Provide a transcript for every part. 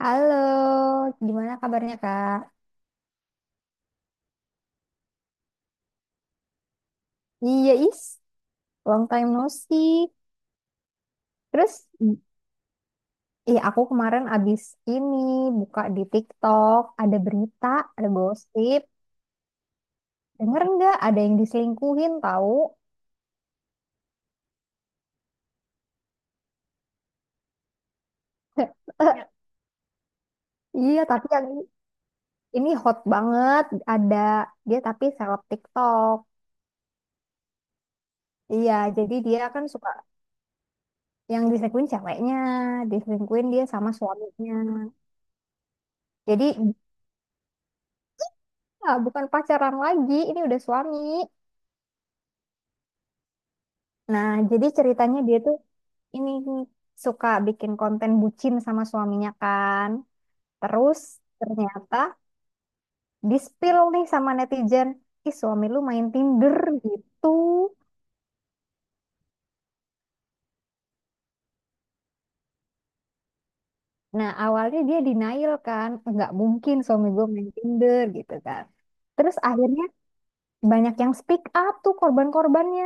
Halo, gimana kabarnya Kak? Iya is, long time no see. Terus, iya aku kemarin abis ini buka di TikTok, ada berita, ada gosip. Denger nggak ada yang diselingkuhin tahu? Iya, tapi yang ini hot banget. Ada dia tapi seleb TikTok. Iya, jadi dia kan suka yang diselingkuhin ceweknya, diselingkuhin dia sama suaminya. Jadi, ya, bukan pacaran lagi, ini udah suami. Nah, jadi ceritanya dia tuh ini suka bikin konten bucin sama suaminya kan. Terus ternyata di-spill nih sama netizen, ih suami lu main Tinder gitu. Nah, awalnya dia denial kan, nggak mungkin suami gue main Tinder gitu kan. Terus akhirnya banyak yang speak up tuh korban-korbannya.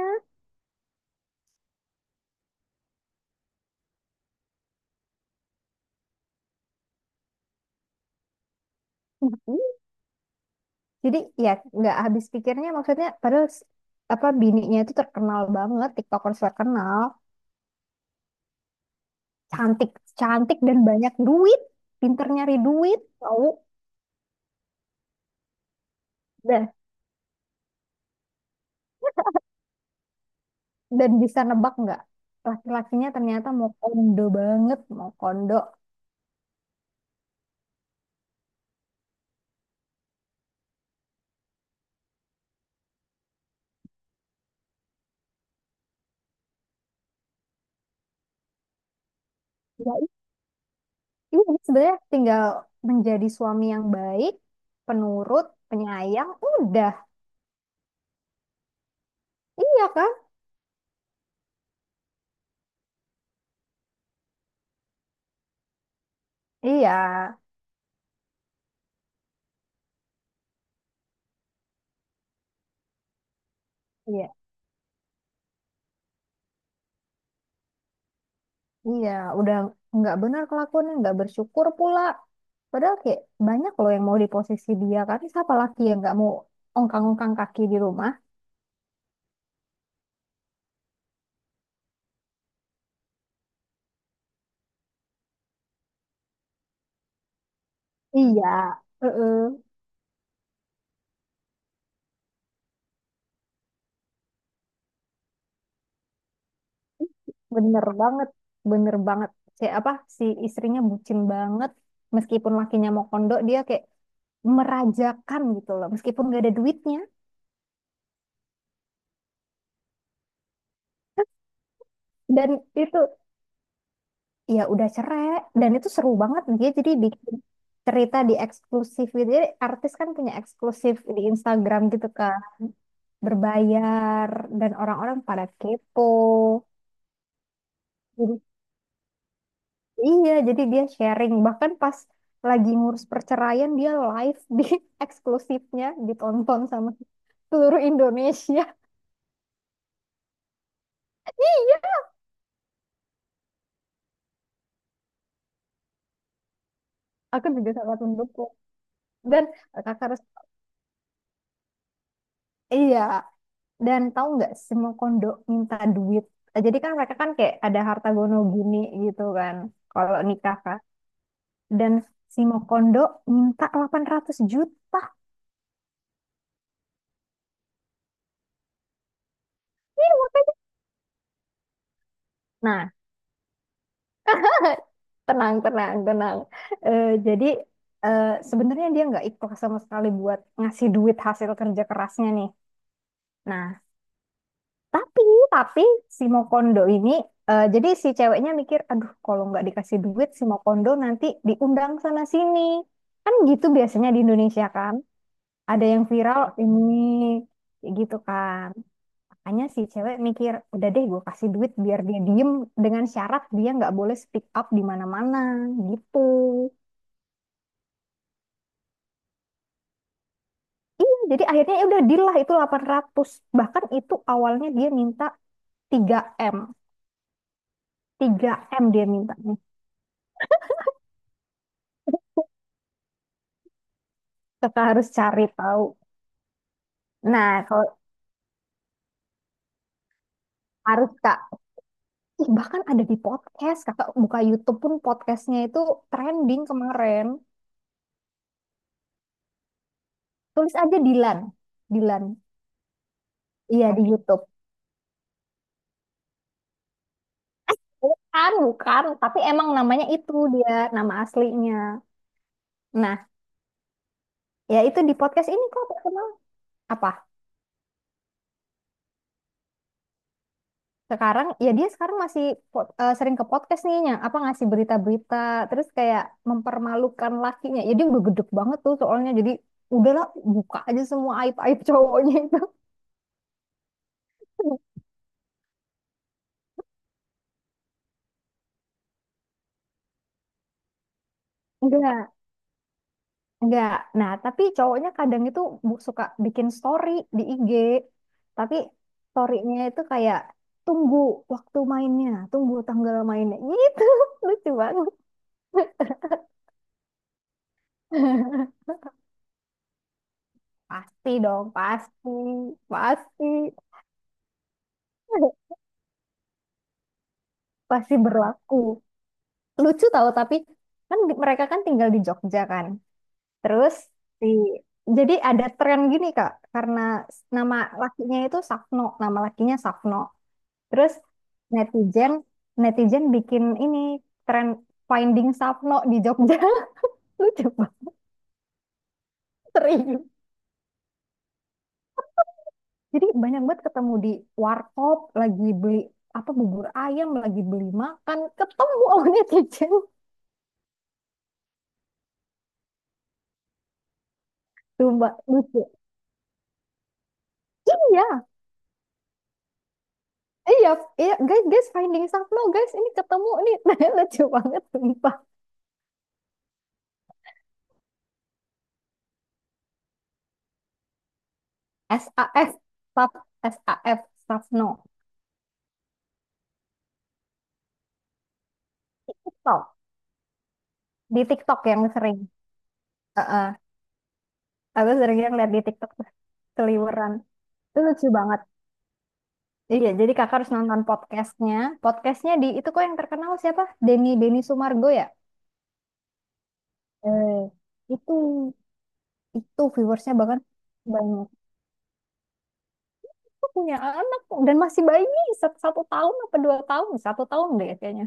Mhm. Jadi ya nggak habis pikirnya maksudnya padahal apa bininya itu terkenal banget, TikTokers terkenal. Cantik cantik dan banyak duit, pinter nyari duit tahu dah. Dan bisa nebak nggak, laki-lakinya ternyata mau kondo banget, mau kondo. Ya itu sebenarnya tinggal menjadi suami yang baik, penurut, penyayang udah, iya kan. Iya, iya iya udah nggak benar kelakuannya, nggak bersyukur pula padahal kayak banyak loh yang mau di posisi dia kan, siapa laki yang nggak mau ongkang-ongkang kaki di rumah. Iya. Heeh. Bener banget, bener banget. Si apa si istrinya bucin banget. Meskipun lakinya mau kondo, dia kayak merajakan gitu loh. Meskipun gak ada duitnya. Dan itu ya udah cerai. Dan itu seru banget. Dia jadi bikin cerita di eksklusif gitu. Jadi artis kan punya eksklusif di Instagram gitu kan. Berbayar dan orang-orang pada kepo. Jadi Iya, jadi dia sharing. Bahkan pas lagi ngurus perceraian, dia live di eksklusifnya ditonton sama seluruh Indonesia. Iya, aku juga sangat mendukung. Dan kakak harus, iya. Dan tahu nggak semua kondo minta duit. Jadi kan mereka kan kayak ada harta gono gini gitu kan. Kalau nikah kan. Dan si Mokondo minta 800 juta. Nah, tenang, tenang, tenang. Eh, jadi eh, sebenarnya dia nggak ikhlas sama sekali buat ngasih duit hasil kerja kerasnya nih. Nah, tapi tapi si Mokondo ini, eh, jadi si ceweknya mikir, aduh kalau nggak dikasih duit si Mokondo nanti diundang sana sini. Kan gitu biasanya di Indonesia kan, ada yang viral ini kayak gitu kan. Makanya si cewek mikir, udah deh gue kasih duit biar dia diem dengan syarat dia nggak boleh speak up di mana-mana gitu. Iya, jadi akhirnya ya udah deal lah itu 800. Bahkan itu awalnya dia minta 3M. 3M dia mintanya. Kakak harus cari tahu. Nah, kalau harus Kak. Ih, bahkan ada di podcast. Kakak buka YouTube pun podcastnya itu trending kemarin. Tulis aja Dilan. Dilan. Iya, di YouTube. Bukan, bukan. Tapi emang namanya itu dia, nama aslinya. Nah, ya itu di podcast ini kok terkenal. Apa? Sekarang ya dia sekarang masih sering ke podcast nih yang apa ngasih berita-berita terus kayak mempermalukan lakinya, ya dia udah gedek banget tuh soalnya, jadi udahlah buka aja semua aib-aib cowoknya itu. enggak enggak, nah tapi cowoknya kadang itu suka bikin story di IG, tapi storynya itu kayak tunggu waktu mainnya, tunggu tanggal mainnya gitu. Lucu banget. Pasti dong, pasti, pasti. Pasti berlaku. Lucu tahu tapi kan mereka kan tinggal di Jogja kan. Terus di, jadi ada tren gini Kak karena nama lakinya itu Safno, nama lakinya Safno. Terus netizen, bikin ini tren, finding Safno di Jogja. Lucu banget, serius. Jadi banyak banget ketemu di warkop lagi beli apa bubur ayam, lagi beli makan ketemu sama netizen. Coba, lucu. Iya, iya, iya, guys, guys, finding stuff Sapno, guys, ini ketemu nih, lucu banget, sumpah. SAF, Sap, SAF, Sapno. Di TikTok, di TikTok yang sering. Heeh. Aku sering lihat di TikTok tuh keliweran, itu lucu banget. Iya, jadi kakak harus nonton podcastnya, podcastnya di, itu kok yang terkenal siapa? Denny, Denny Sumargo ya? Eh, itu, itu viewersnya bahkan banyak. Aku punya anak kok, dan masih bayi, 1, 1 tahun apa 2 tahun, 1 tahun deh kayaknya.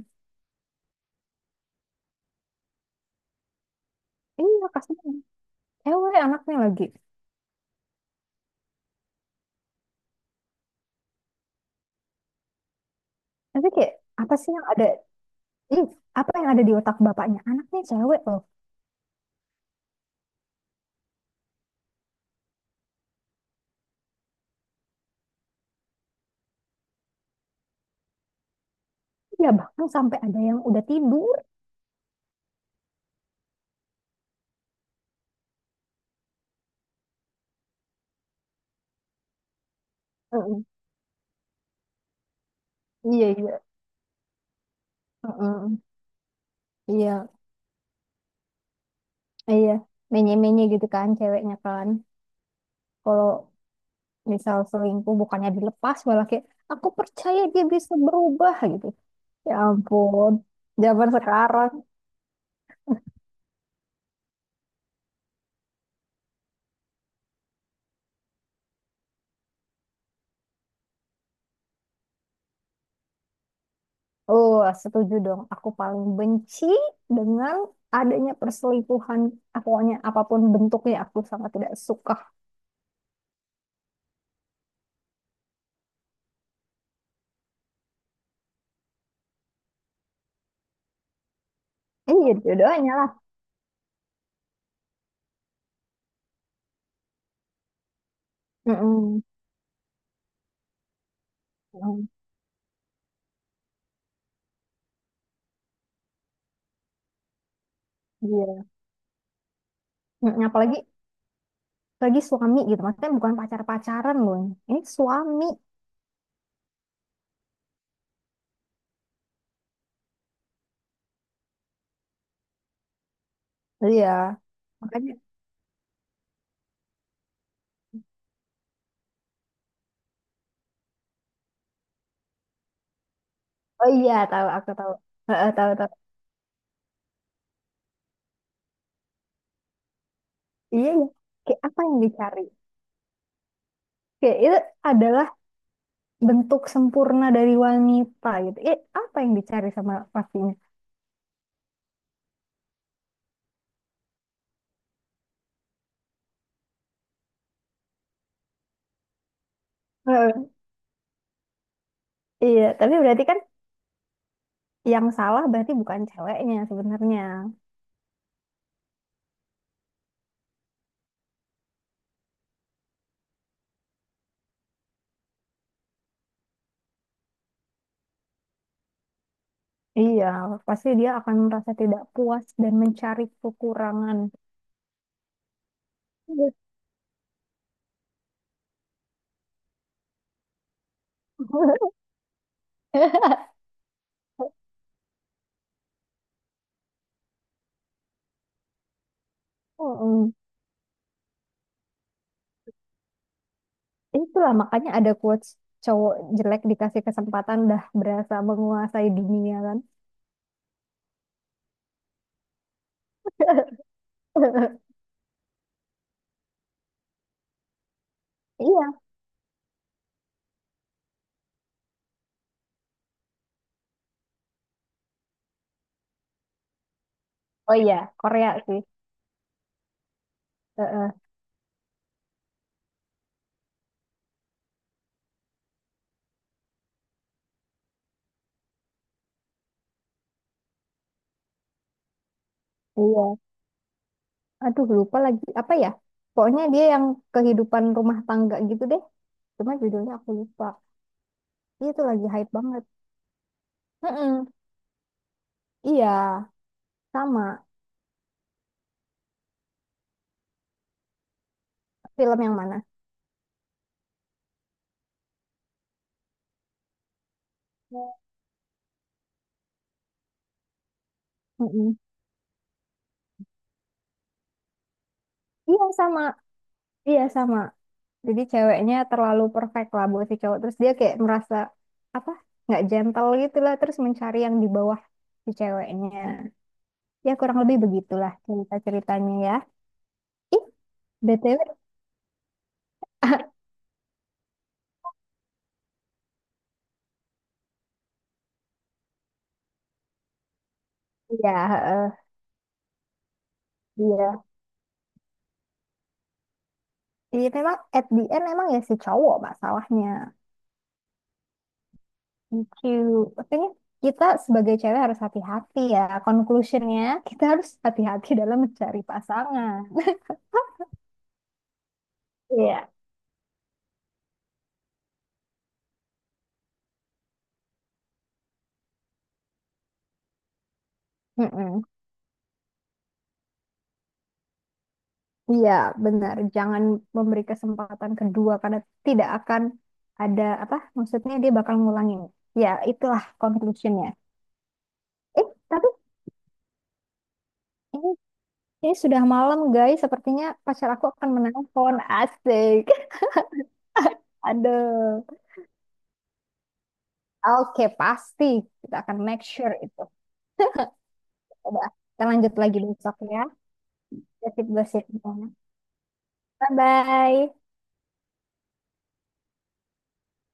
Iya, kasihan. Cewek anaknya lagi. Tapi kayak apa sih yang ada? Ih, apa yang ada di otak bapaknya? Anaknya cewek loh. Ya bahkan sampai ada yang udah tidur. Mm-mm. Iya, iya. Mm-mm. Iya, iya. Menye-menye gitu kan ceweknya kan. Kalau misal selingkuh bukannya dilepas, malah kayak aku percaya dia bisa berubah gitu. Ya ampun. Zaman sekarang. Oh, setuju dong. Aku paling benci dengan adanya perselingkuhan. Pokoknya apapun bentuknya aku sangat tidak suka. Iya, dua-duanya lah. Mm-mm. Mm-mm. Iya. Mm-mm. Apalagi lagi suami gitu. Maksudnya bukan pacar-pacaran loh. Ini suami. Iya. Makanya. Oh iya, tahu, aku tahu. Heeh, tahu, tahu. Iya, iya. Kayak apa yang dicari? Kayak itu adalah bentuk sempurna dari wanita gitu. Eh, apa yang dicari sama pastinya? Heeh. Iya, tapi berarti kan yang salah berarti bukan ceweknya sebenarnya. Iya, pasti dia akan merasa tidak puas dan mencari kekurangan. Iya. Mm-mm. Itulah makanya ada quotes, cowok jelek dikasih kesempatan dah berasa menguasai dunia kan. Iya. Oh iya, Korea sih. Heeh. Iya. Aduh lupa, lagi apa ya? Pokoknya dia yang kehidupan rumah tangga gitu deh. Cuma judulnya aku lupa. Itu lagi hype banget. Mm. Iya, sama. Film yang mana? Mm. Iya sama. Iya sama. Jadi ceweknya terlalu perfect lah buat si cowok. Terus dia kayak merasa apa? Nggak gentle gitu lah. Terus mencari yang di bawah si ceweknya. Ya kurang lebih begitulah cerita-ceritanya ya. Ih, BTW. Iya, heeh, iya. Iya memang at the end emang ya si cowok masalahnya. Lucu. Makanya kita sebagai cewek harus hati-hati ya. Conclusionnya kita harus hati-hati dalam mencari pasangan. Iya. Mm-mm. Iya, benar. Jangan memberi kesempatan kedua karena tidak akan ada apa? Maksudnya dia bakal ngulangin. Ya, itulah conclusionnya. Eh, tapi ini, ini sudah malam, guys. Sepertinya pacar aku akan menelpon. Asik. Aduh. Oke, pasti. Kita akan make sure itu. Coba kita lanjut lagi besok ya. Gosip-gosipnya. Bye-bye.